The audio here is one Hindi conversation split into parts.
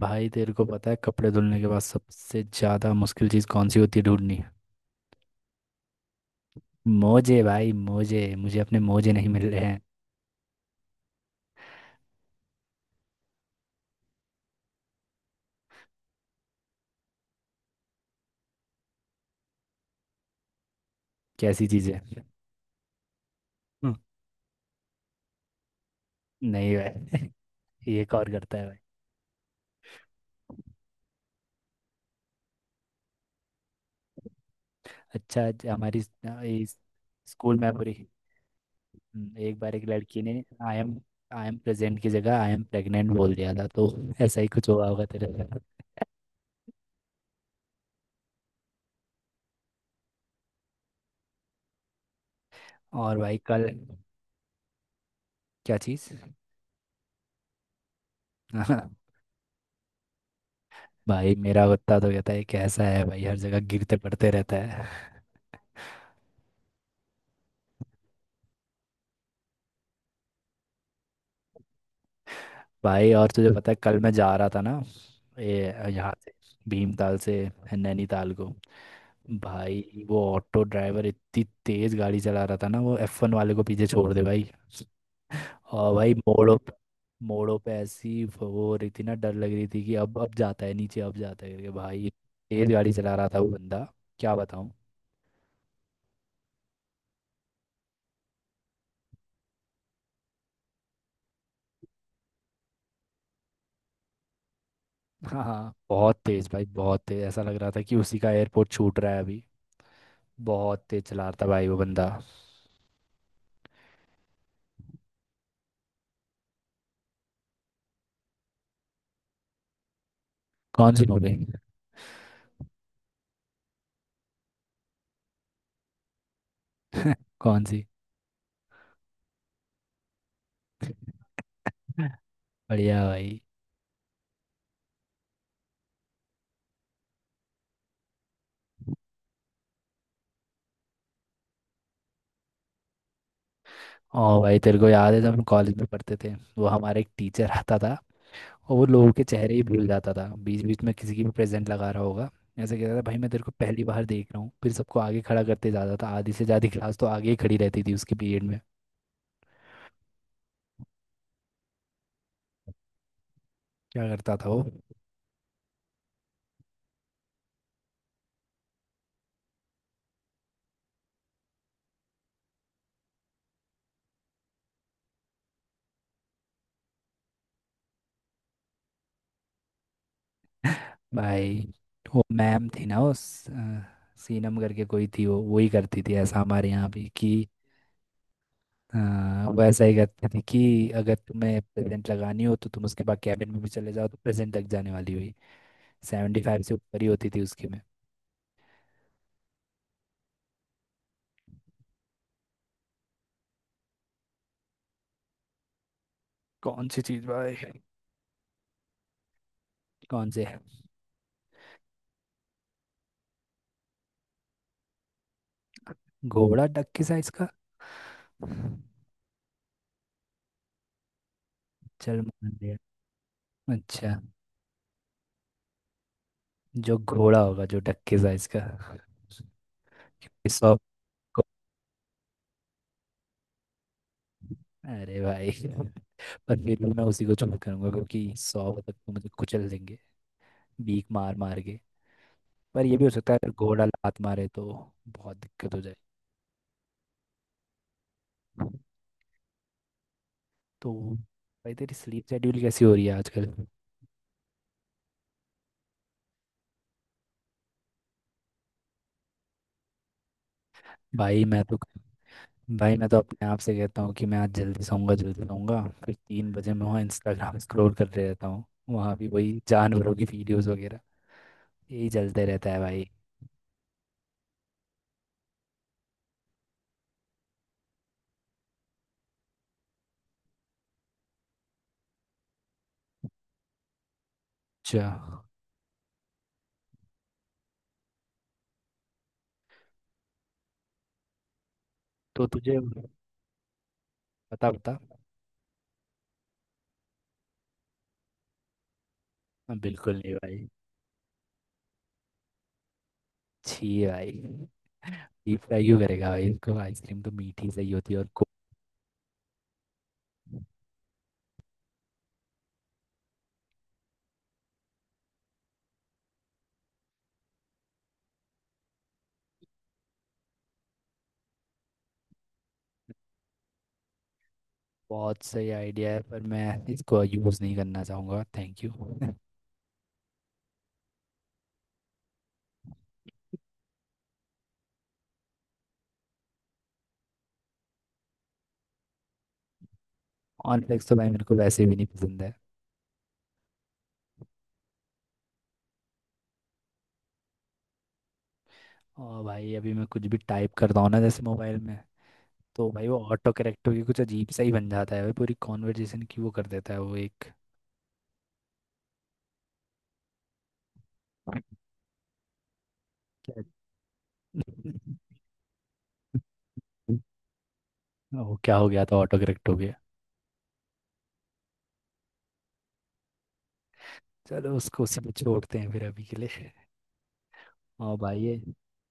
भाई तेरे को पता है कपड़े धुलने के बाद सबसे ज्यादा मुश्किल चीज कौन सी होती है ढूंढनी? मोजे भाई, मोजे। मुझे अपने मोजे नहीं मिल रहे हैं। कैसी चीज है? हम्म। नहीं भाई। ये कौन करता है भाई? अच्छा, हमारी इस स्कूल में पूरी। हम्म। एक बार एक लड़की ने I am I am present की जगह आई एम प्रेग्नेंट बोल दिया था, तो ऐसा ही कुछ हुआ होगा तेरे साथ। और भाई कल। क्या चीज? भाई मेरा कुत्ता तो कहता है कैसा है भाई, हर जगह गिरते पड़ते रहता है। भाई और तुझे पता है कल मैं जा रहा था ना, ये यहाँ से, भीमताल से नैनीताल को। भाई वो ऑटो ड्राइवर इतनी तेज गाड़ी चला रहा था ना, वो F1 वाले को पीछे छोड़ दे भाई। और भाई मोड़ों पे, ऐसी वो हो रही थी ना, डर लग रही थी कि अब जाता है नीचे, अब जाता है, करके भाई। तेज गाड़ी चला रहा था वो बंदा, क्या बताऊं। हाँ हाँ, बहुत तेज भाई, बहुत तेज। ऐसा लग रहा था कि उसी का एयरपोर्ट छूट रहा है अभी। बहुत तेज चला रहा था भाई वो बंदा। कौन सी मूवी? कौन सी? बढ़िया भाई। ओ भाई तेरे को याद है जब हम कॉलेज में पढ़ते थे, वो हमारा एक टीचर आता था, और वो लोगों के चेहरे ही भूल जाता था। बीच बीच में किसी की भी प्रेजेंट लगा रहा होगा। ऐसे कहता था भाई, मैं तेरे को पहली बार देख रहा हूँ, फिर सबको आगे खड़ा करते जाता था। आधी से ज़्यादा क्लास तो आगे ही खड़ी रहती थी उसके पीरियड में। क्या करता था वो? भाई वो मैम थी ना उस, अ, सीनम करके कोई थी, वो वही करती थी। ऐसा हमारे यहाँ भी कि, हाँ, वैसा ही करते थे कि अगर तुम्हें प्रेजेंट लगानी हो तो तुम उसके बाद कैबिन में भी चले जाओ तो प्रेजेंट लग जाने वाली हुई। 75 से ऊपर ही होती थी उसकी में। कौन सी चीज भाई? कौन से? घोड़ा डक के साइज का? चल, मान लिया। अच्छा। जो घोड़ा होगा जो डक के साइज का। सौ। अरे भाई, पर फिर भी मैं उसी को चूज करूंगा, क्योंकि 100 तक तो मुझे कुचल देंगे, बीक मार मार के। पर ये भी हो सकता है अगर घोड़ा लात मारे तो बहुत दिक्कत हो। तो भाई तेरी स्लीप शेड्यूल कैसी हो रही है आजकल? भाई मैं तो भाई मैं तो अपने आप से कहता हूँ कि मैं आज जल्दी सोऊंगा, जल्दी सोऊंगा, फिर 3 बजे मैं वहाँ इंस्टाग्राम स्क्रॉल कर रहे रहता हूँ। वहाँ भी वही जानवरों की वीडियोस वगैरह, यही चलते रहता है भाई। अच्छा। तो तुझे, बता बता। हाँ, बिल्कुल नहीं भाई। छी भाई, डीप फ्राई क्यों करेगा भाई इसको? आइसक्रीम तो मीठी सही होती है और को। बहुत सही आइडिया है, पर मैं इसको यूज़ नहीं करना चाहूँगा, थैंक यू। कॉर्नफ्लेक्स तो भाई मेरे को वैसे भी नहीं पसंद है। और भाई अभी मैं कुछ भी टाइप करता हूँ ना जैसे मोबाइल में, तो भाई वो ऑटो करेक्ट होके कुछ अजीब सा ही बन जाता है भाई। पूरी कॉन्वर्जेशन की वो कर देता है वो एक। क्या? वो क्या हो गया था, ऑटो करेक्ट हो गया? चलो, उसको उसी में छोड़ते हैं फिर अभी के लिए। और भाई ये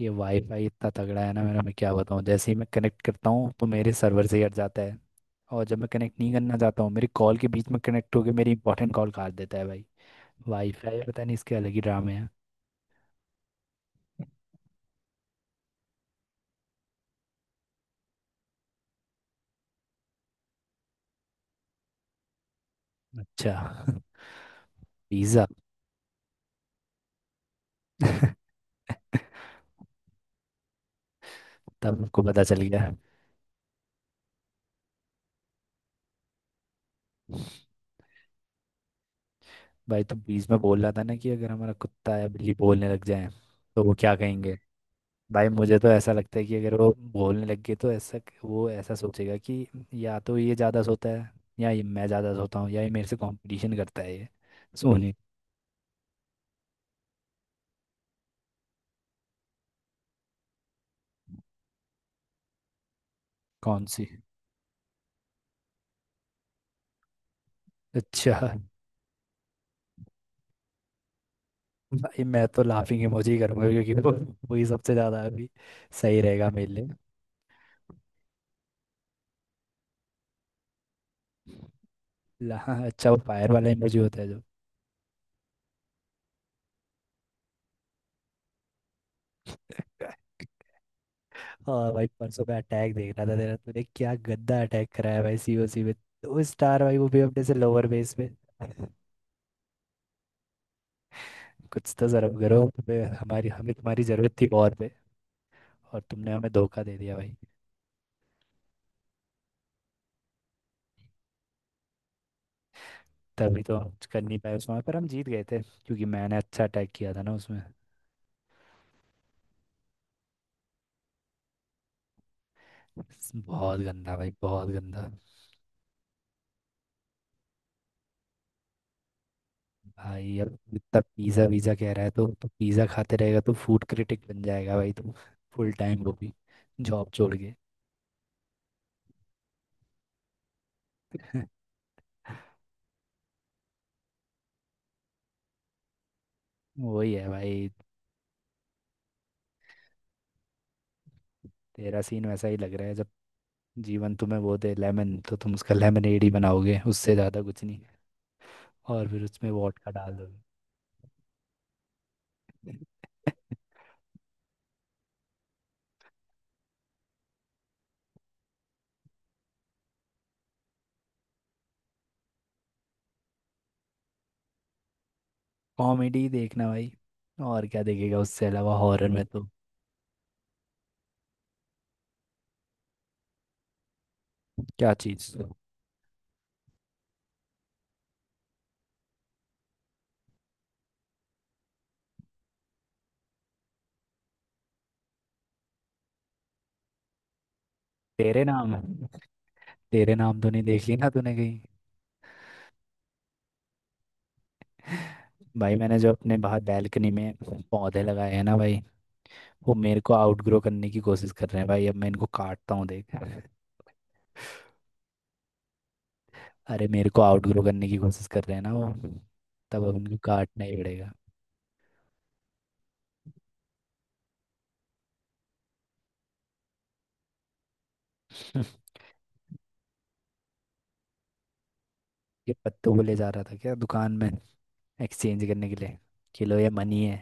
ये वाईफाई इतना तगड़ा है ना मेरा, मैं क्या बताऊँ। जैसे ही मैं कनेक्ट करता हूँ तो मेरे सर्वर से ही हट जाता है, और जब मैं कनेक्ट नहीं करना चाहता हूँ, मेरी कॉल के बीच में कनेक्ट होके मेरी इंपॉर्टेंट कॉल काट देता है भाई। वाईफाई, पता नहीं इसके अलग ही ड्रामे हैं। अच्छा। पिज़्ज़ा। तब हमको पता चल गया। भाई तू बीच में बोल रहा था ना कि अगर हमारा कुत्ता या बिल्ली बोलने लग जाए तो वो क्या कहेंगे? भाई मुझे तो ऐसा लगता है कि अगर वो बोलने लग गए तो ऐसा, वो ऐसा सोचेगा कि या तो ये ज़्यादा सोता है, या ये मैं ज़्यादा सोता हूँ, या ये मेरे से कंपटीशन करता है ये सोने। कौन सी? अच्छा। भाई मैं तो लाफिंग इमोजी ही करूँगा, क्योंकि वो, वही सबसे ज़्यादा अभी सही रहेगा मेरे लिए। हाँ, अच्छा वो फायर वाला इमोजी होता है जो। और भाई परसों का अटैक देख रहा था तेरा, तूने क्या गंदा अटैक कराया भाई सीओसी में। 2 स्टार भाई, वो भी अपने से लोअर बेस में। कुछ तो शर्म करो, तुम्हें हमारी, हमें तुम्हारी जरूरत थी और पे, और तुमने हमें धोखा दे दिया भाई। तभी तो हम कुछ कर नहीं पाए उस, वहाँ पर हम जीत गए थे क्योंकि मैंने अच्छा अटैक किया था ना उसमें। बहुत गंदा भाई, बहुत गंदा। भाई अब इतना पिज्ज़ा वीज़ा कह रहा है तो, पिज़्ज़ा खाते रहेगा तो फूड क्रिटिक बन जाएगा भाई तू, फुल टाइम, वो भी जॉब छोड़ के। वही है भाई। तेरा सीन वैसा ही लग रहा है जब जीवन तुम्हें वो दे लेमन, तो तुम उसका लेमनेड ही बनाओगे, उससे ज़्यादा कुछ नहीं। और फिर उसमें वोडका डाल दोगे। कॉमेडी देखना भाई, और क्या देखेगा उससे अलावा? हॉरर में तो। क्या चीज़? तेरे नाम, तेरे नाम तो नहीं देख ली ना तूने कहीं? भाई मैंने जो अपने बाहर बैल्कनी में पौधे लगाए हैं ना भाई, वो मेरे को आउटग्रो करने की कोशिश कर रहे हैं भाई। अब मैं इनको काटता हूँ देख। अरे, मेरे को आउटग्रो करने की कोशिश कर रहे हैं ना वो, तब अब इनको काटना ही पड़ेगा। ये पत्तों को ले जा रहा था क्या दुकान में एक्सचेंज करने के लिए, कि लो ये मनी है?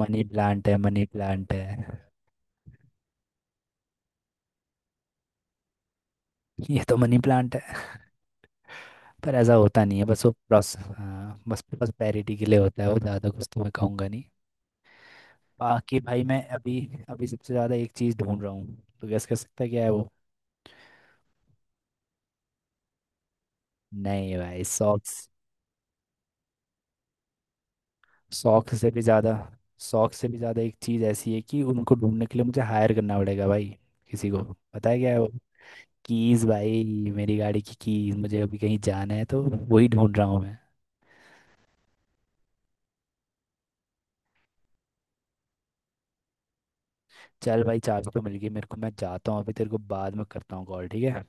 मनी प्लांट है, मनी प्लांट है। ये तो मनी प्लांट है। पर ऐसा होता नहीं है, बस वो प्रोस, हाँ बस प्रॉस्पेरिटी के लिए होता है वो, ज़्यादा कुछ तो मैं कहूँगा नहीं। बाकी भाई मैं अभी, सबसे ज़्यादा एक चीज़ ढूंढ रहा हूँ, तो गैस कर सकता है क्या है वो? नहीं भाई, सॉक्स। सॉक्स से भी ज़्यादा, सॉक्स से भी ज़्यादा एक चीज़ ऐसी है कि उनको ढूंढने के लिए मुझे हायर करना पड़ेगा भाई किसी को। पता है क्या है वो? कीज भाई। मेरी गाड़ी की कीज। मुझे अभी कहीं जाना है तो वही ढूंढ रहा हूँ मैं। चल भाई, चाबी तो मिल गई मेरे को, मैं जाता हूँ। अभी तेरे को बाद में करता हूँ कॉल, ठीक है।